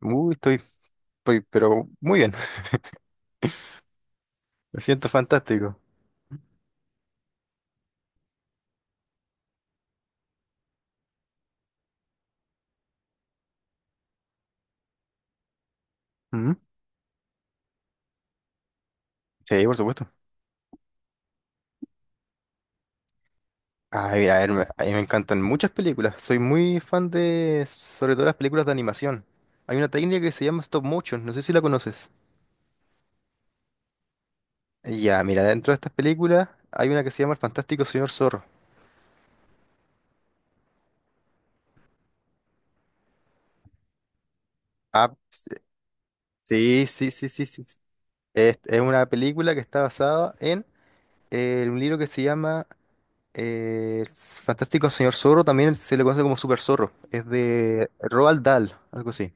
Uy, estoy, pero muy bien. Me siento fantástico. Ujú. Sí, por supuesto. Ay, a ver, a mí me encantan muchas películas. Soy muy fan de, sobre todo las películas de animación. Hay una técnica que se llama stop motion, no sé si la conoces. Ya, mira, dentro de estas películas hay una que se llama El Fantástico Señor Zorro. Ah, sí, sí, sí, sí, sí, sí, sí. Es una película que está basada en un libro que se llama el Fantástico Señor Zorro, también se le conoce como Super Zorro. Es de Roald Dahl, algo así.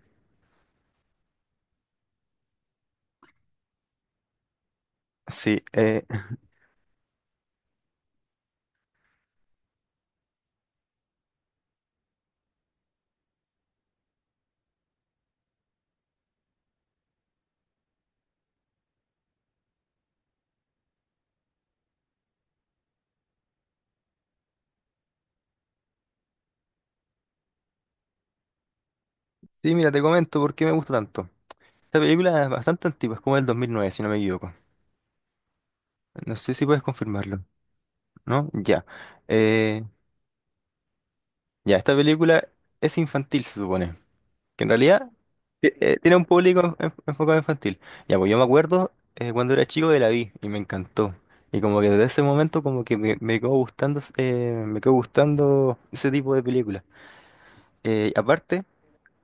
Sí, sí, mira, te comento por qué me gusta tanto. Esta película es bastante antigua, es como del 2009, si no me equivoco. No sé si puedes confirmarlo, ¿no? Ya. Eh, ya, esta película es infantil, se supone, que en realidad tiene un público enfocado infantil. Ya, pues yo me acuerdo cuando era chico que la vi y me encantó. Y como que desde ese momento como que me quedó gustando, ese tipo de película. Aparte,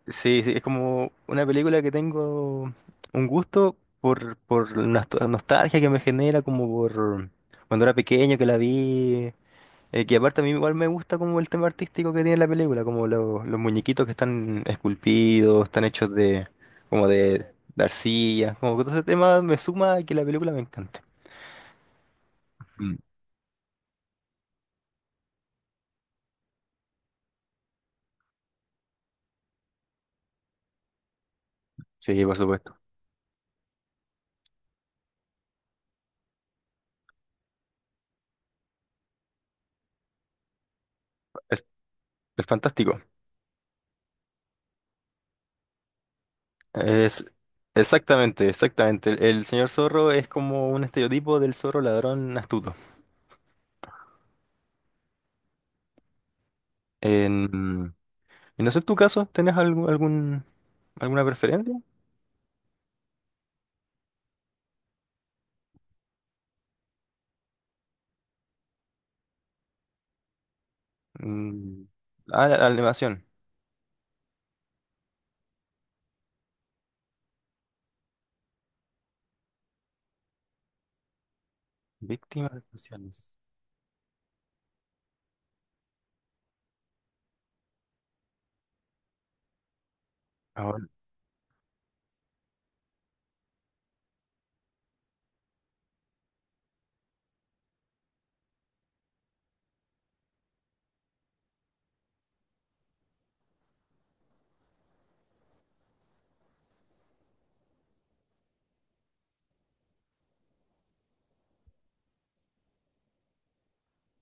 sí, sí, es como una película que tengo un gusto por la nostalgia que me genera como por cuando era pequeño que la vi. Que aparte a mí igual me gusta como el tema artístico que tiene la película, como los muñequitos que están esculpidos, están hechos de como de arcilla, como que todo ese tema me suma a que la película me encante. Mm. Sí, por supuesto. El, el Fantástico. Es exactamente, exactamente. El señor zorro es como un estereotipo del zorro ladrón astuto. En, y no sé, en tu caso, ¿tenés alguna preferencia? Mm, ah, la animación. Víctimas de pasiones.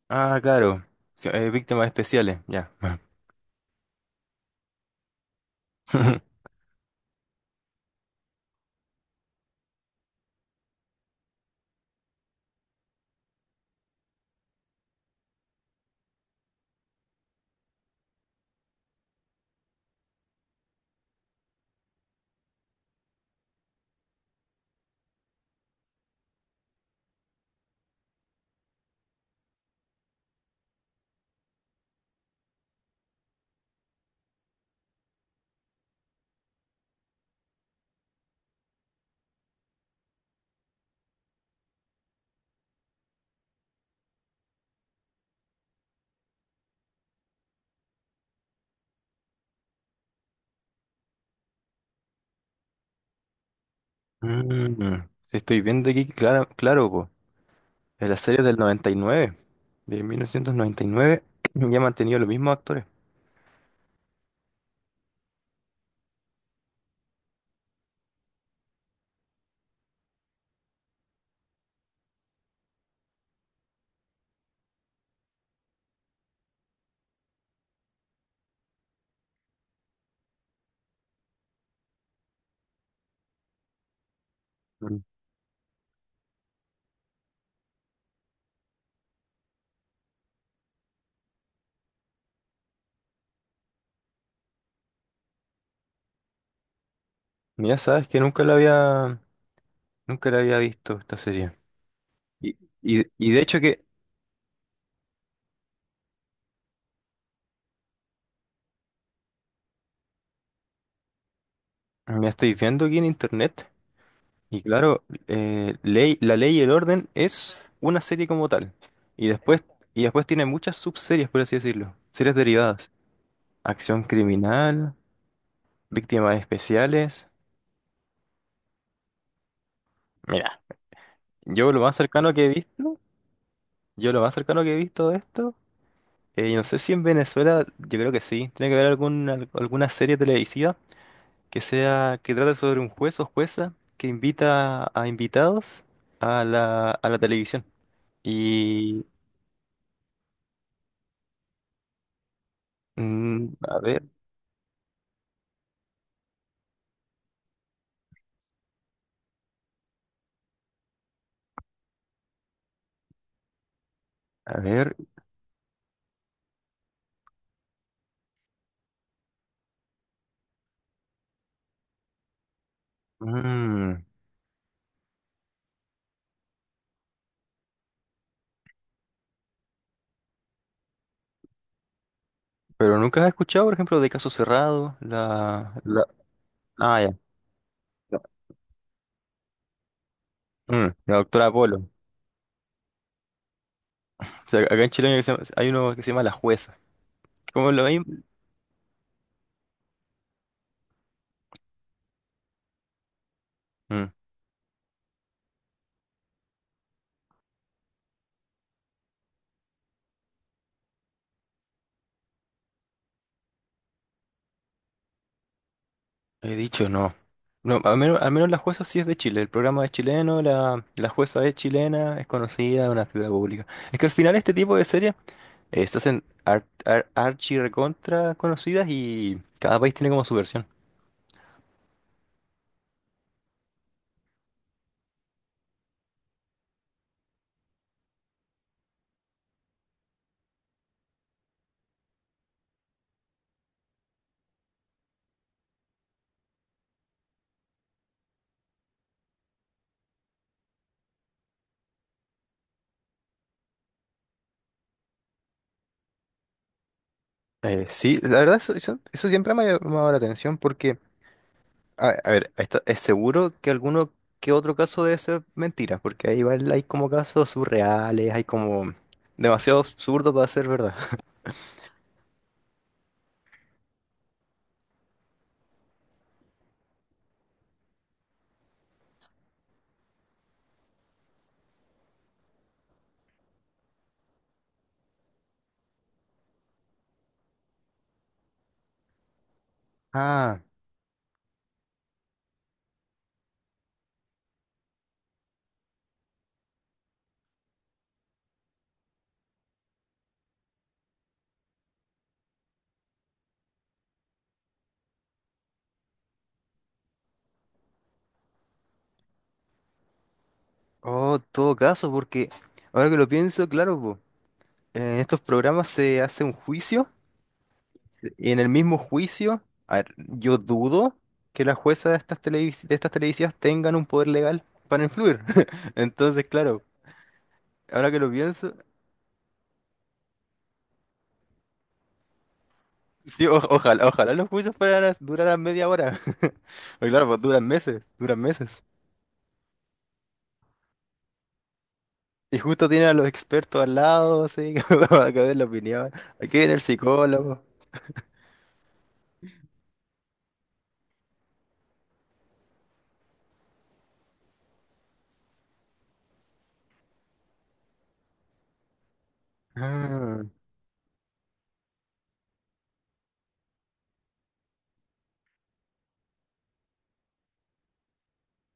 Ah, claro. Sí, víctimas especiales, ya. Mm, sí, estoy viendo aquí, claro, claro, po. En la serie del 99, de 1999, ya han mantenido los mismos actores. Mm. Mira, sabes que nunca la había visto esta serie. Y de hecho que me estoy viendo aquí en internet, y claro, La Ley y el Orden es una serie como tal. Y después, y después tiene muchas subseries, por así decirlo, series derivadas. Acción criminal. Víctimas especiales. Mira, yo lo más cercano que he visto, yo lo más cercano que he visto de esto, y no sé si en Venezuela, yo creo que sí, tiene que haber alguna serie televisiva que sea, que trate sobre un juez o jueza que invita a invitados a la televisión. Y, mm, a ver, a ver, mm, pero nunca has escuchado, por ejemplo, de Caso Cerrado, ah, ya, no, la doctora Polo. O sea, acá en Chile hay uno hay uno que se llama La Jueza. Como lo Mm, he dicho, no. No, al menos la jueza sí es de Chile. El programa es chileno, la jueza es chilena, es conocida, es una figura pública. Es que al final este tipo de series se hacen archi recontra conocidas y cada país tiene como su versión. Sí, la verdad eso siempre me ha llamado la atención porque, a ver, es seguro que alguno que otro caso debe ser mentira, porque ahí igual hay como casos surreales, hay como demasiado absurdo para ser verdad. Ah. Oh, en todo caso, porque ahora que lo pienso, claro, po, en estos programas se hace un juicio y en el mismo juicio, a ver, yo dudo que las juezas de estas de estas televisivas tengan un poder legal para influir. Entonces, claro, ahora que lo pienso, sí, ojalá, ojalá los juicios fueran a durar media hora. Porque claro, pues duran meses, duran meses. Y justo tienen a los expertos al lado, así, para que den la opinión. Aquí viene el psicólogo. Ah.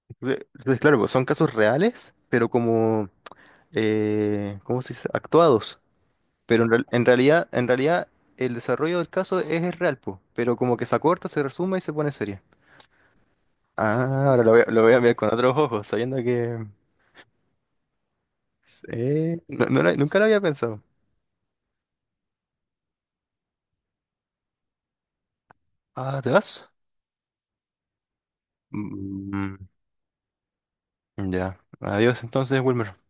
Entonces, claro, pues son casos reales, pero como, ¿cómo se dice? Actuados. Pero en realidad, el desarrollo del caso es real, po, pero como que se acorta, se resume y se pone seria. Ah, ahora lo voy a mirar con otros ojos, sabiendo que... nunca lo había pensado. Ah, ¿te vas? Mm, ya. Adiós entonces, Wilmer.